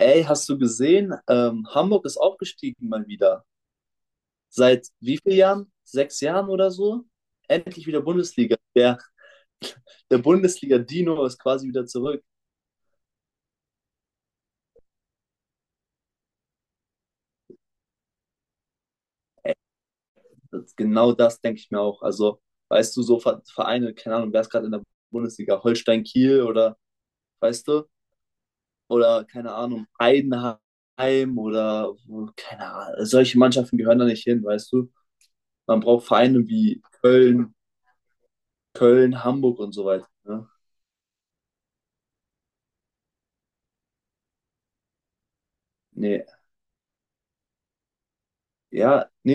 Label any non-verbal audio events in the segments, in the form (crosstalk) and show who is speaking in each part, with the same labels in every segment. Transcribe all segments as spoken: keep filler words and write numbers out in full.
Speaker 1: Ey, hast du gesehen? Ähm, Hamburg ist aufgestiegen mal wieder. Seit wie vielen Jahren? Sechs Jahren oder so? Endlich wieder Bundesliga. Der, der Bundesliga-Dino ist quasi wieder zurück. Das, genau das denke ich mir auch. Also, weißt du, so Ver- Vereine, keine Ahnung, wer ist gerade in der Bundesliga? Holstein Kiel oder, weißt du? Oder, keine Ahnung, Heidenheim oder, äh, keine Ahnung. Solche Mannschaften gehören da nicht hin, weißt du? Man braucht Vereine wie Köln, Köln, Hamburg und so weiter. Ne? Nee. Ja, nee.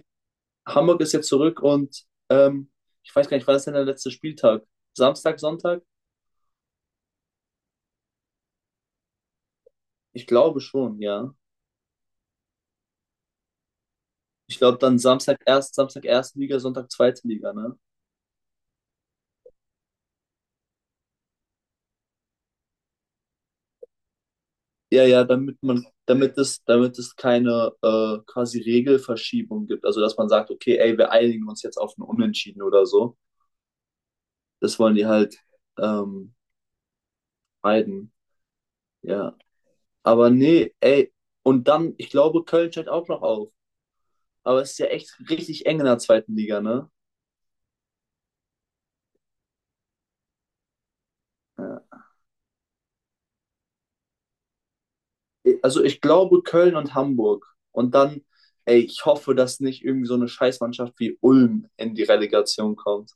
Speaker 1: Hamburg ist jetzt zurück und ähm, ich weiß gar nicht, war das denn der letzte Spieltag? Samstag, Sonntag? Ich glaube schon, ja. Ich glaube dann Samstag erst, Samstag erste Liga, Sonntag zweite Liga, ne? Ja, ja, damit man, damit es, damit es keine äh, quasi Regelverschiebung gibt. Also dass man sagt, okay, ey, wir einigen uns jetzt auf ein Unentschieden oder so. Das wollen die halt ähm, meiden. Ja. Aber nee, ey, und dann, ich glaube, Köln steigt auch noch auf. Aber es ist ja echt richtig eng in der zweiten Liga, ne? Ja, also ich glaube Köln und Hamburg. Und dann, ey, ich hoffe, dass nicht irgendwie so eine Scheißmannschaft wie Ulm in die Relegation kommt.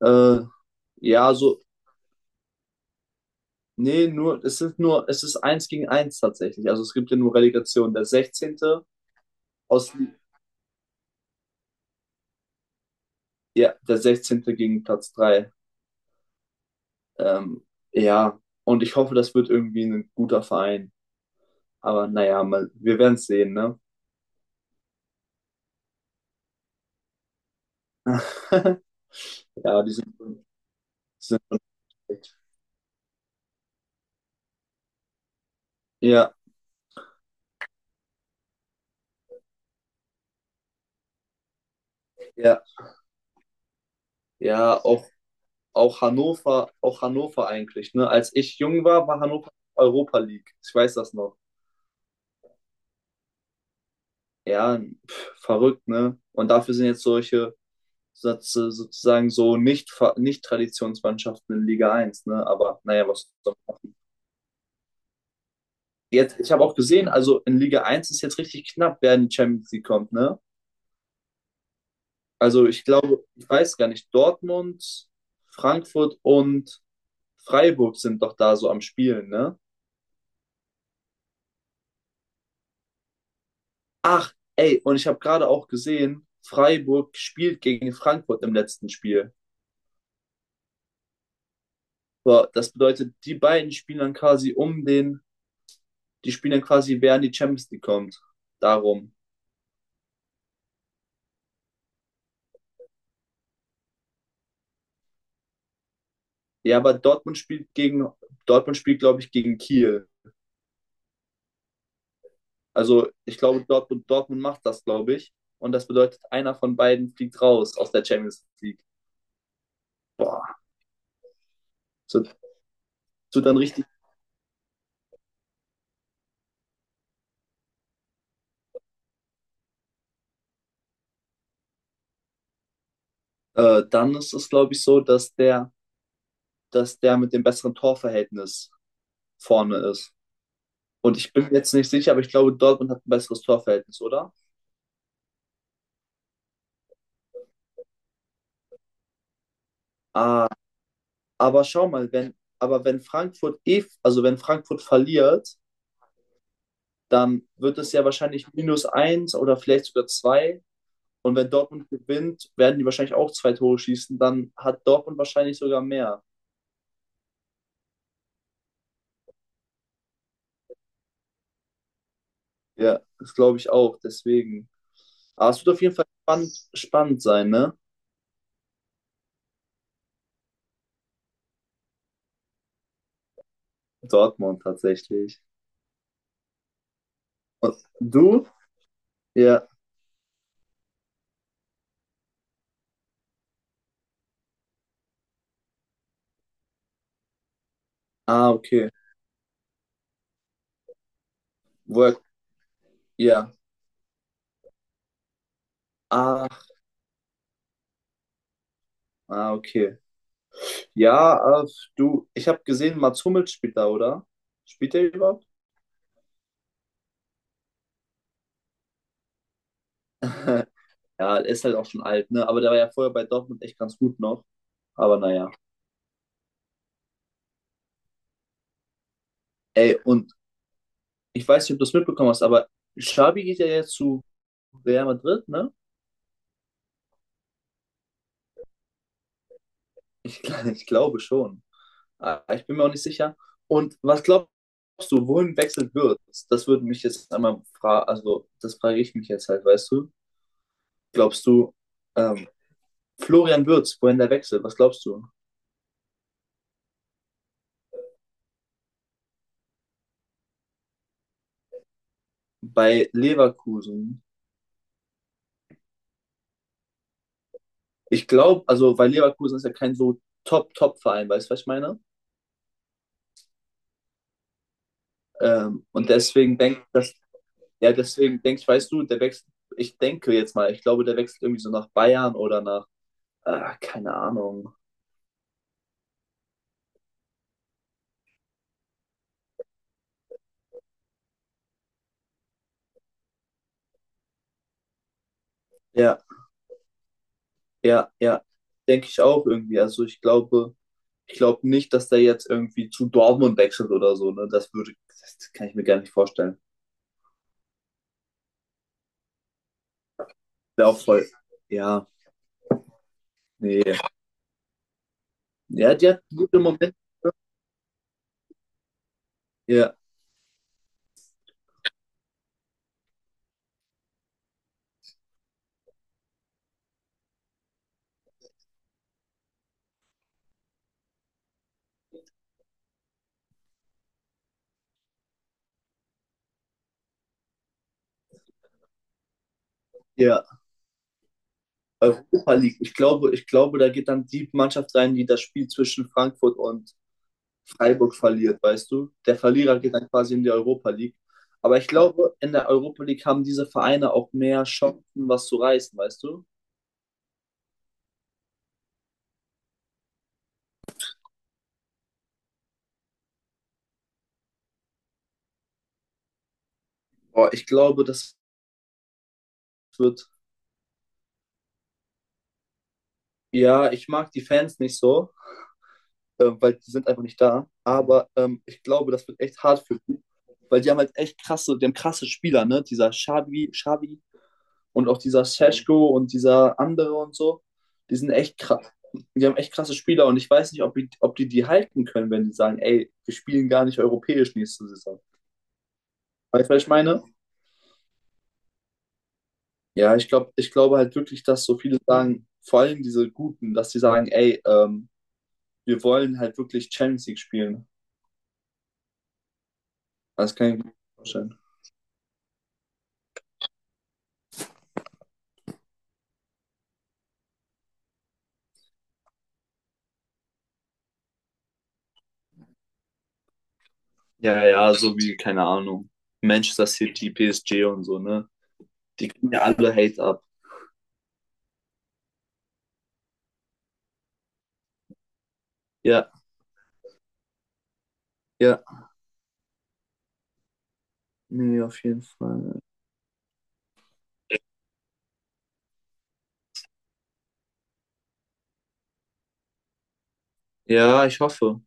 Speaker 1: Äh, ja, so, nee, nur, es ist nur, es ist eins gegen eins tatsächlich. Also es gibt ja nur Relegation. Der sechzehnte aus, ja, der sechzehnte gegen Platz drei. Ähm, ja, und ich hoffe, das wird irgendwie ein guter Verein. Aber naja, mal, wir werden es sehen, ne? (laughs) Ja, die sind, die sind schon schlecht. Ja, ja, ja, auch auch Hannover, auch Hannover eigentlich. Ne? Als ich jung war, war Hannover Europa League. Ich weiß das noch. Ja, pff, verrückt, ne? Und dafür sind jetzt solche so- sozusagen so nicht, ver- nicht Traditionsmannschaften in Liga eins, ne? Aber naja, was soll man machen? Jetzt, ich habe auch gesehen, also in Liga eins ist jetzt richtig knapp, wer in die Champions League kommt, ne? Also ich glaube, ich weiß gar nicht, Dortmund, Frankfurt und Freiburg sind doch da so am Spielen, ne? Ach, ey, und ich habe gerade auch gesehen, Freiburg spielt gegen Frankfurt im letzten Spiel. Boah, das bedeutet, die beiden spielen dann quasi um den, die spielen dann quasi, wer in die Champions League kommt. Darum. Ja, aber Dortmund spielt gegen, Dortmund spielt, glaube ich, gegen Kiel. Also ich glaube, Dortmund, Dortmund macht das, glaube ich. Und das bedeutet, einer von beiden fliegt raus aus der Champions League. Boah, so, so dann richtig. Äh, dann ist es, glaube ich, so, dass der, dass der mit dem besseren Torverhältnis vorne ist. Und ich bin mir jetzt nicht sicher, aber ich glaube, Dortmund hat ein besseres Torverhältnis, oder? Ah, aber schau mal, wenn, aber wenn Frankfurt eh, also wenn Frankfurt verliert, dann wird es ja wahrscheinlich minus eins oder vielleicht sogar zwei. Und wenn Dortmund gewinnt, werden die wahrscheinlich auch zwei Tore schießen. Dann hat Dortmund wahrscheinlich sogar mehr. Ja, das glaube ich auch. Deswegen. Aber es wird auf jeden Fall spannend, spannend sein, ne? Dortmund tatsächlich. Und du? Ja. Ah, okay. Work. Ja. Ah, ah, okay. Ja, äh, du, ich habe gesehen, Mats Hummels spielt da, oder? Spielt der überhaupt? (laughs) Ja, er ist halt auch schon alt, ne? Aber der war ja vorher bei Dortmund echt ganz gut noch. Aber naja. Ey, und ich weiß nicht, ob du es mitbekommen hast, aber Xabi geht ja jetzt zu Real Madrid, ne? Ich, gl- (laughs) ich glaube schon. Ah, ich bin mir auch nicht sicher. Und was glaubst du, wohin wechselt wird? Das würde mich jetzt einmal fragen, also das frage ich mich jetzt halt, weißt du? Glaubst du, ähm, Florian Wirtz, wohin der wechselt? Was glaubst du? Bei Leverkusen, ich glaube, also weil Leverkusen ist ja kein so Top-Top-Verein, weißt du, was ich meine? Ähm, und deswegen denke das, ja, deswegen denke ich, weißt du, der wechselt, ich denke jetzt mal, ich glaube, der wechselt irgendwie so nach Bayern oder nach, ah, keine Ahnung. Ja, ja, ja, denke ich auch irgendwie. Also ich glaube, ich glaube nicht, dass der jetzt irgendwie zu Dortmund wechselt oder so, ne? Das würde, das kann ich mir gar nicht vorstellen. Wäre auch voll, ja, nee. Ja, die hat gute Momente. Ja, ja. Europa League. Ich glaube, ich glaube, da geht dann die Mannschaft rein, die das Spiel zwischen Frankfurt und Freiburg verliert, weißt du? Der Verlierer geht dann quasi in die Europa League. Aber ich glaube, in der Europa League haben diese Vereine auch mehr Chancen, was zu reißen, weißt du? Boah, ich glaube, das wird. Ja, ich mag die Fans nicht so, äh, weil die sind einfach nicht da. Aber ähm, ich glaube, das wird echt hart für die, weil die haben halt echt krasse, die haben krasse Spieler, ne? Dieser Xavi, Xavi, und auch dieser Seschko und dieser andere und so, die sind echt krass. Die haben echt krasse Spieler und ich weiß nicht, ob die, ob die die halten können, wenn die sagen, ey, wir spielen gar nicht europäisch nächste Saison. Weißt du, was ich meine? Ja, ich glaube, ich glaube halt wirklich, dass so viele sagen, vor allem diese Guten, dass die sagen, ey, ähm, wir wollen halt wirklich Champions League spielen. Das kann ich mir vorstellen. Ja, ja, so wie, keine Ahnung, Manchester City, P S G und so, ne? Die kriegen ja alle Hate ab. Ja, ja, nee, auf jeden Fall. Ja, ich hoffe.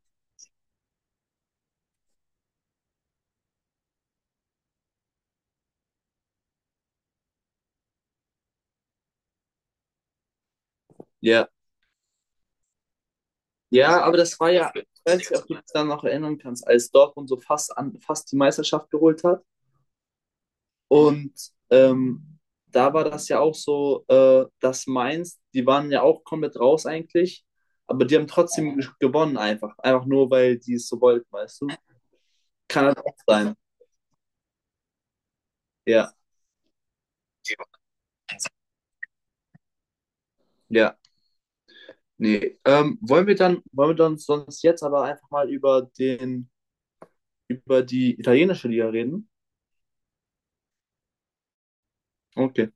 Speaker 1: Ja, ja, aber das war ja, ich weiß nicht, ob du ja, dich daran noch erinnern kannst, als Dortmund so fast an, fast die Meisterschaft geholt hat. Und ähm, da war das ja auch so, äh, dass Mainz, die waren ja auch komplett raus eigentlich, aber die haben trotzdem ge- gewonnen einfach. Einfach nur, weil die es so wollten, weißt du? Kann halt auch sein. Ja, ja. Nee. Ähm, wollen wir dann, wollen wir dann sonst jetzt aber einfach mal über den, über die italienische Liga reden? Okay.